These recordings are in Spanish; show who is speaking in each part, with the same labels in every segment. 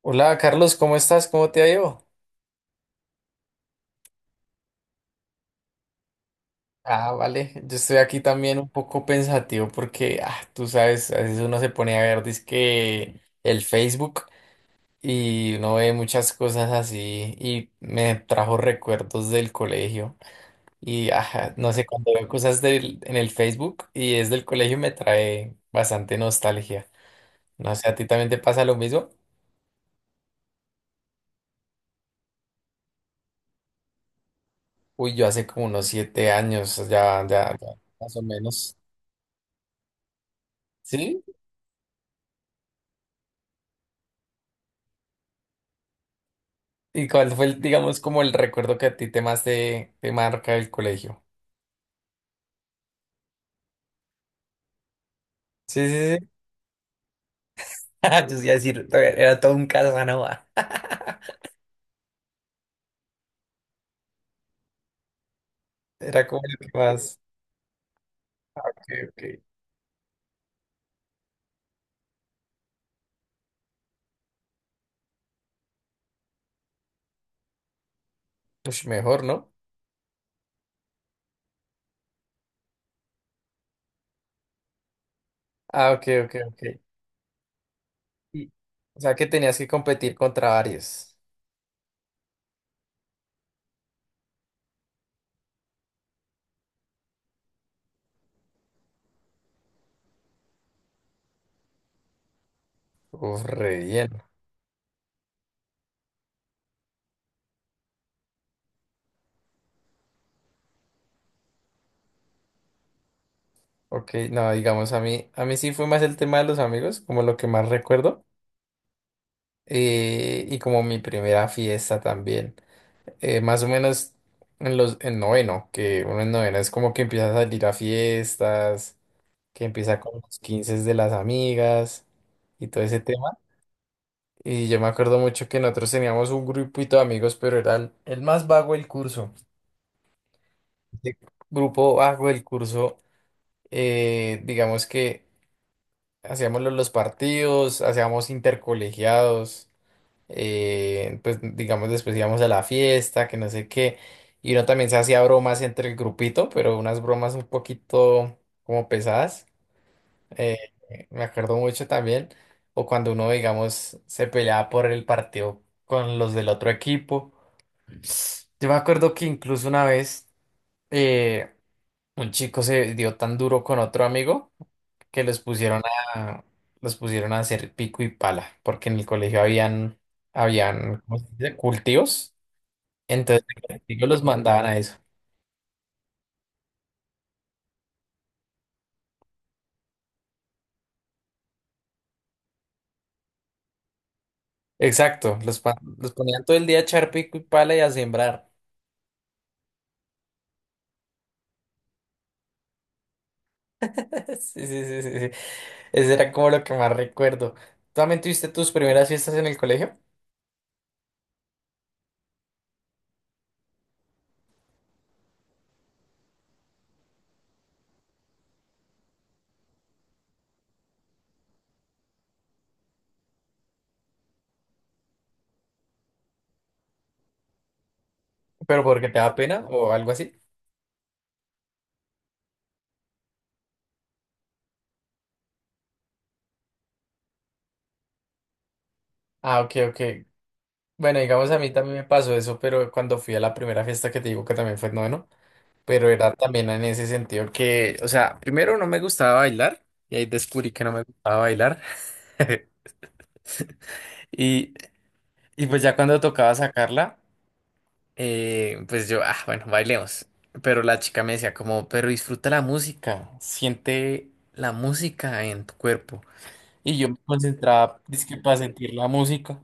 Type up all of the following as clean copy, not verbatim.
Speaker 1: Hola Carlos, ¿cómo estás? ¿Cómo te ha ido? Vale, yo estoy aquí también un poco pensativo porque, tú sabes, a veces uno se pone a ver dizque el Facebook y uno ve muchas cosas así y me trajo recuerdos del colegio y, no sé, cuando veo cosas en el Facebook y es del colegio me trae bastante nostalgia. No sé, ¿a ti también te pasa lo mismo? Uy, yo hace como unos 7 años, ya, ya, ya, más o menos. ¿Sí? ¿Y cuál fue, digamos, como el recuerdo que a ti te más te, te marca el colegio? Sí, sí, sí. Yo sí iba a decir, era todo un Casanova. Era como el que más... Ok, ok. Ush, mejor, ¿no? Ah, ok, ok, ok. Y- O sea que tenías que competir contra varios. Uf, re bien. Ok, no, digamos, a mí sí fue más el tema de los amigos, como lo que más recuerdo. Y como mi primera fiesta también. Más o menos en noveno, que uno en noveno es como que empieza a salir a fiestas, que empieza con los 15 de las amigas y todo ese tema. Y yo me acuerdo mucho que nosotros teníamos un grupito de amigos, pero era el más vago del curso. El grupo vago del curso, digamos que hacíamos los partidos, hacíamos intercolegiados. Pues digamos después íbamos a la fiesta, que no sé qué, y uno también se hacía bromas entre el grupito, pero unas bromas un poquito como pesadas, eh, me acuerdo mucho también, o cuando uno, digamos, se peleaba por el partido con los del otro equipo. Yo me acuerdo que incluso una vez, eh, un chico se dio tan duro con otro amigo que los pusieron a, los pusieron a hacer pico y pala, porque en el colegio habían, habían, ¿cómo se dice? Cultivos. Entonces, de castigo los mandaban a eso. Exacto, los, los ponían todo el día a echar pico y pala y a sembrar. Sí, sí, sí, sí, sí. Ese era como lo que más recuerdo. ¿Tú también tuviste tus primeras fiestas en el colegio? ¿Pero porque te da pena o algo así? Ah, ok, ok. Bueno, digamos, a mí también me pasó eso, pero cuando fui a la primera fiesta que te digo que también fue en noveno. Pero era también en ese sentido que, o sea, primero no me gustaba bailar y ahí descubrí que no me gustaba bailar. Y, y pues ya cuando tocaba sacarla, pues yo, bueno, bailemos. Pero la chica me decía como, pero disfruta la música, siente la música en tu cuerpo. Y yo me concentraba, dizque para sentir la música,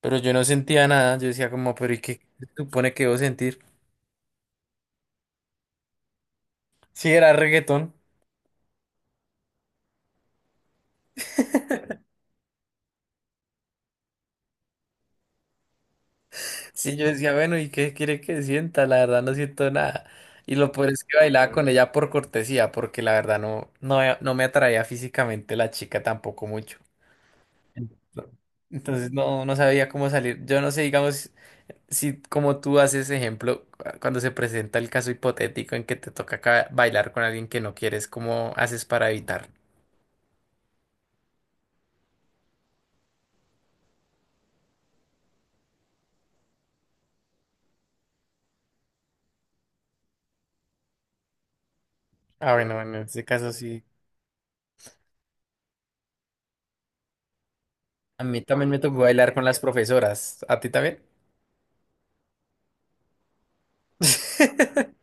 Speaker 1: pero yo no sentía nada. Yo decía como, pero ¿y qué se supone que debo sentir? Sí, era reggaetón. Sí, yo decía, bueno, ¿y qué quiere que sienta? La verdad no siento nada. Y lo peor es que bailaba con ella por cortesía, porque la verdad no, no, no me atraía físicamente la chica tampoco mucho. Ento- Entonces no, no sabía cómo salir. Yo no sé, digamos, si como tú haces ejemplo, cuando se presenta el caso hipotético en que te toca bailar con alguien que no quieres, ¿cómo haces para evitar? Ah, bueno, en ese caso sí. A mí también me tocó bailar con las profesoras. ¿A ti también?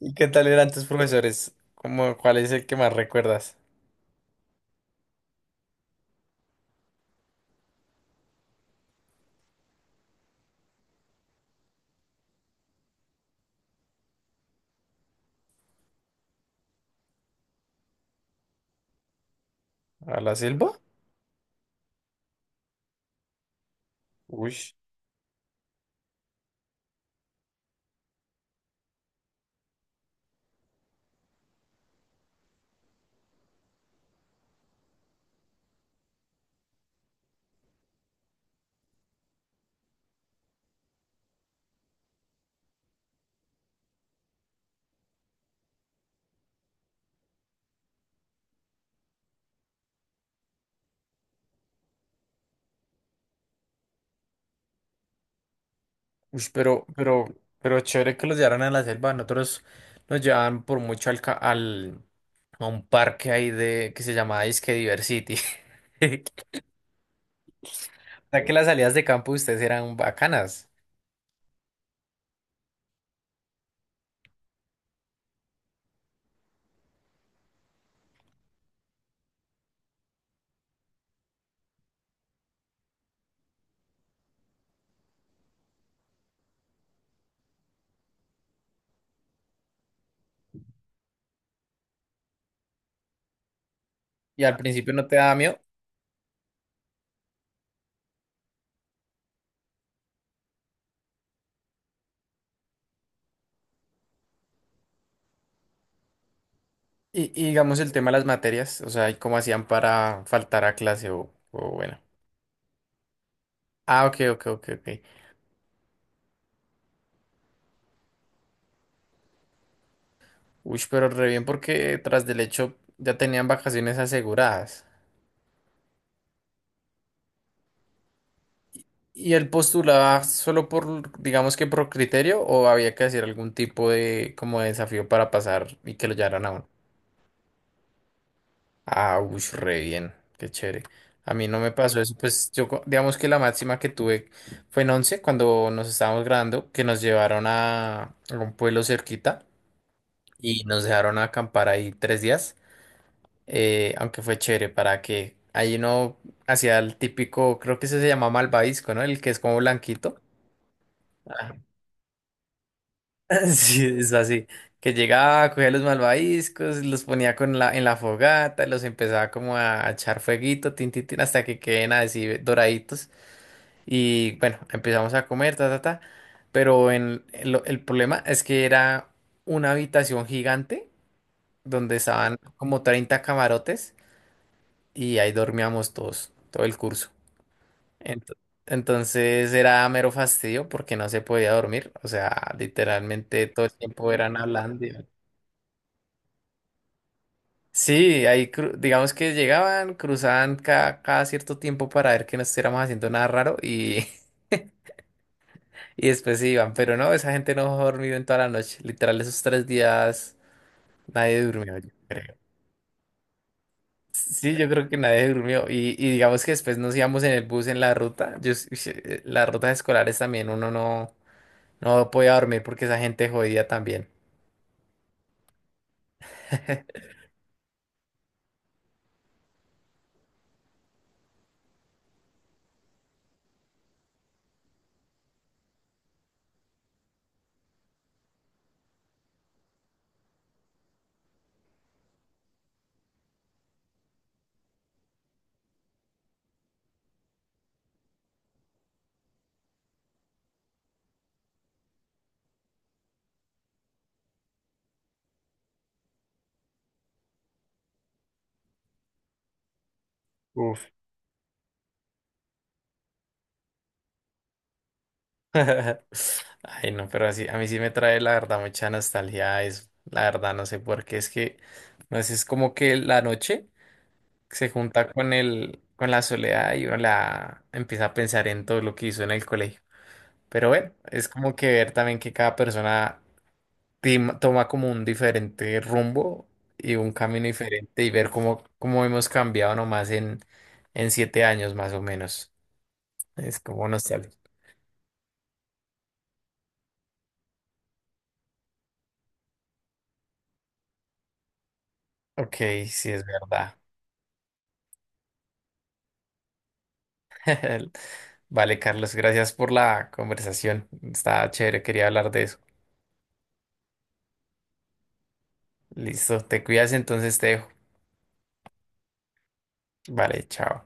Speaker 1: ¿Y qué tal eran tus profesores? ¿Cómo, cuál es el que más recuerdas? ¿A la selva? Uy, uy, pero chévere que los llevaran a la selva. Nosotros nos llevaban por mucho al a un parque ahí de que se llamaba Disque Diversity. O sea que las salidas de campo de ustedes eran bacanas. Y al principio no te daba miedo. Y digamos el tema de las materias, o sea, y cómo hacían para faltar a clase o bueno. Ah, ok, ok, ok, ok. Uy, pero re bien porque tras del hecho ya tenían vacaciones aseguradas. ¿Y él postulaba solo por, digamos que por criterio o había que hacer algún tipo de como de desafío para pasar y que lo llevaran a uno? Ah, uy, re bien, qué chévere. A mí no me pasó eso, pues yo digamos que la máxima que tuve fue en 11 cuando nos estábamos graduando, que nos llevaron a un pueblo cerquita y nos dejaron acampar ahí 3 días. Aunque fue chévere para que ahí uno hacía el típico, creo que ese se llama malvavisco, ¿no? El que es como blanquito. Ah, sí, es así, que llegaba, cogía los malvaviscos, los ponía con en la fogata, los empezaba como a echar fueguito, tin, tin, tin, hasta que queden así doraditos. Y bueno, empezamos a comer, ta, ta, ta. Pero el problema es que era una habitación gigante donde estaban como 30 camarotes y ahí dormíamos todos, todo el curso. Ent- entonces era mero fastidio porque no se podía dormir. O sea, literalmente todo el tiempo eran hablando. Sí, ahí digamos que llegaban, cruzaban cada cierto tiempo para ver que no estuviéramos haciendo nada raro y, y después se iban. Pero no, esa gente no ha dormido en toda la noche. Literal, esos tres días nadie durmió, yo creo. Sí, yo creo que nadie durmió. Y digamos que después nos íbamos en el bus en la ruta. Yo, ush, las rutas escolares también uno no, no podía dormir porque esa gente jodía también. Uf. Ay, no, pero así, a mí sí me trae la verdad mucha nostalgia eso. La verdad, no sé por qué, es que, no sé, es como que la noche se junta con con la soledad y uno la empieza a pensar en todo lo que hizo en el colegio. Pero bueno, es como que ver también que cada persona toma como un diferente rumbo y un camino diferente y ver cómo, cómo hemos cambiado nomás en 7 años más o menos. Es como nostálgico. Ok, sí es verdad. Vale, Carlos, gracias por la conversación. Está chévere, quería hablar de eso. Listo, te cuidas, entonces te dejo. Vale, chao.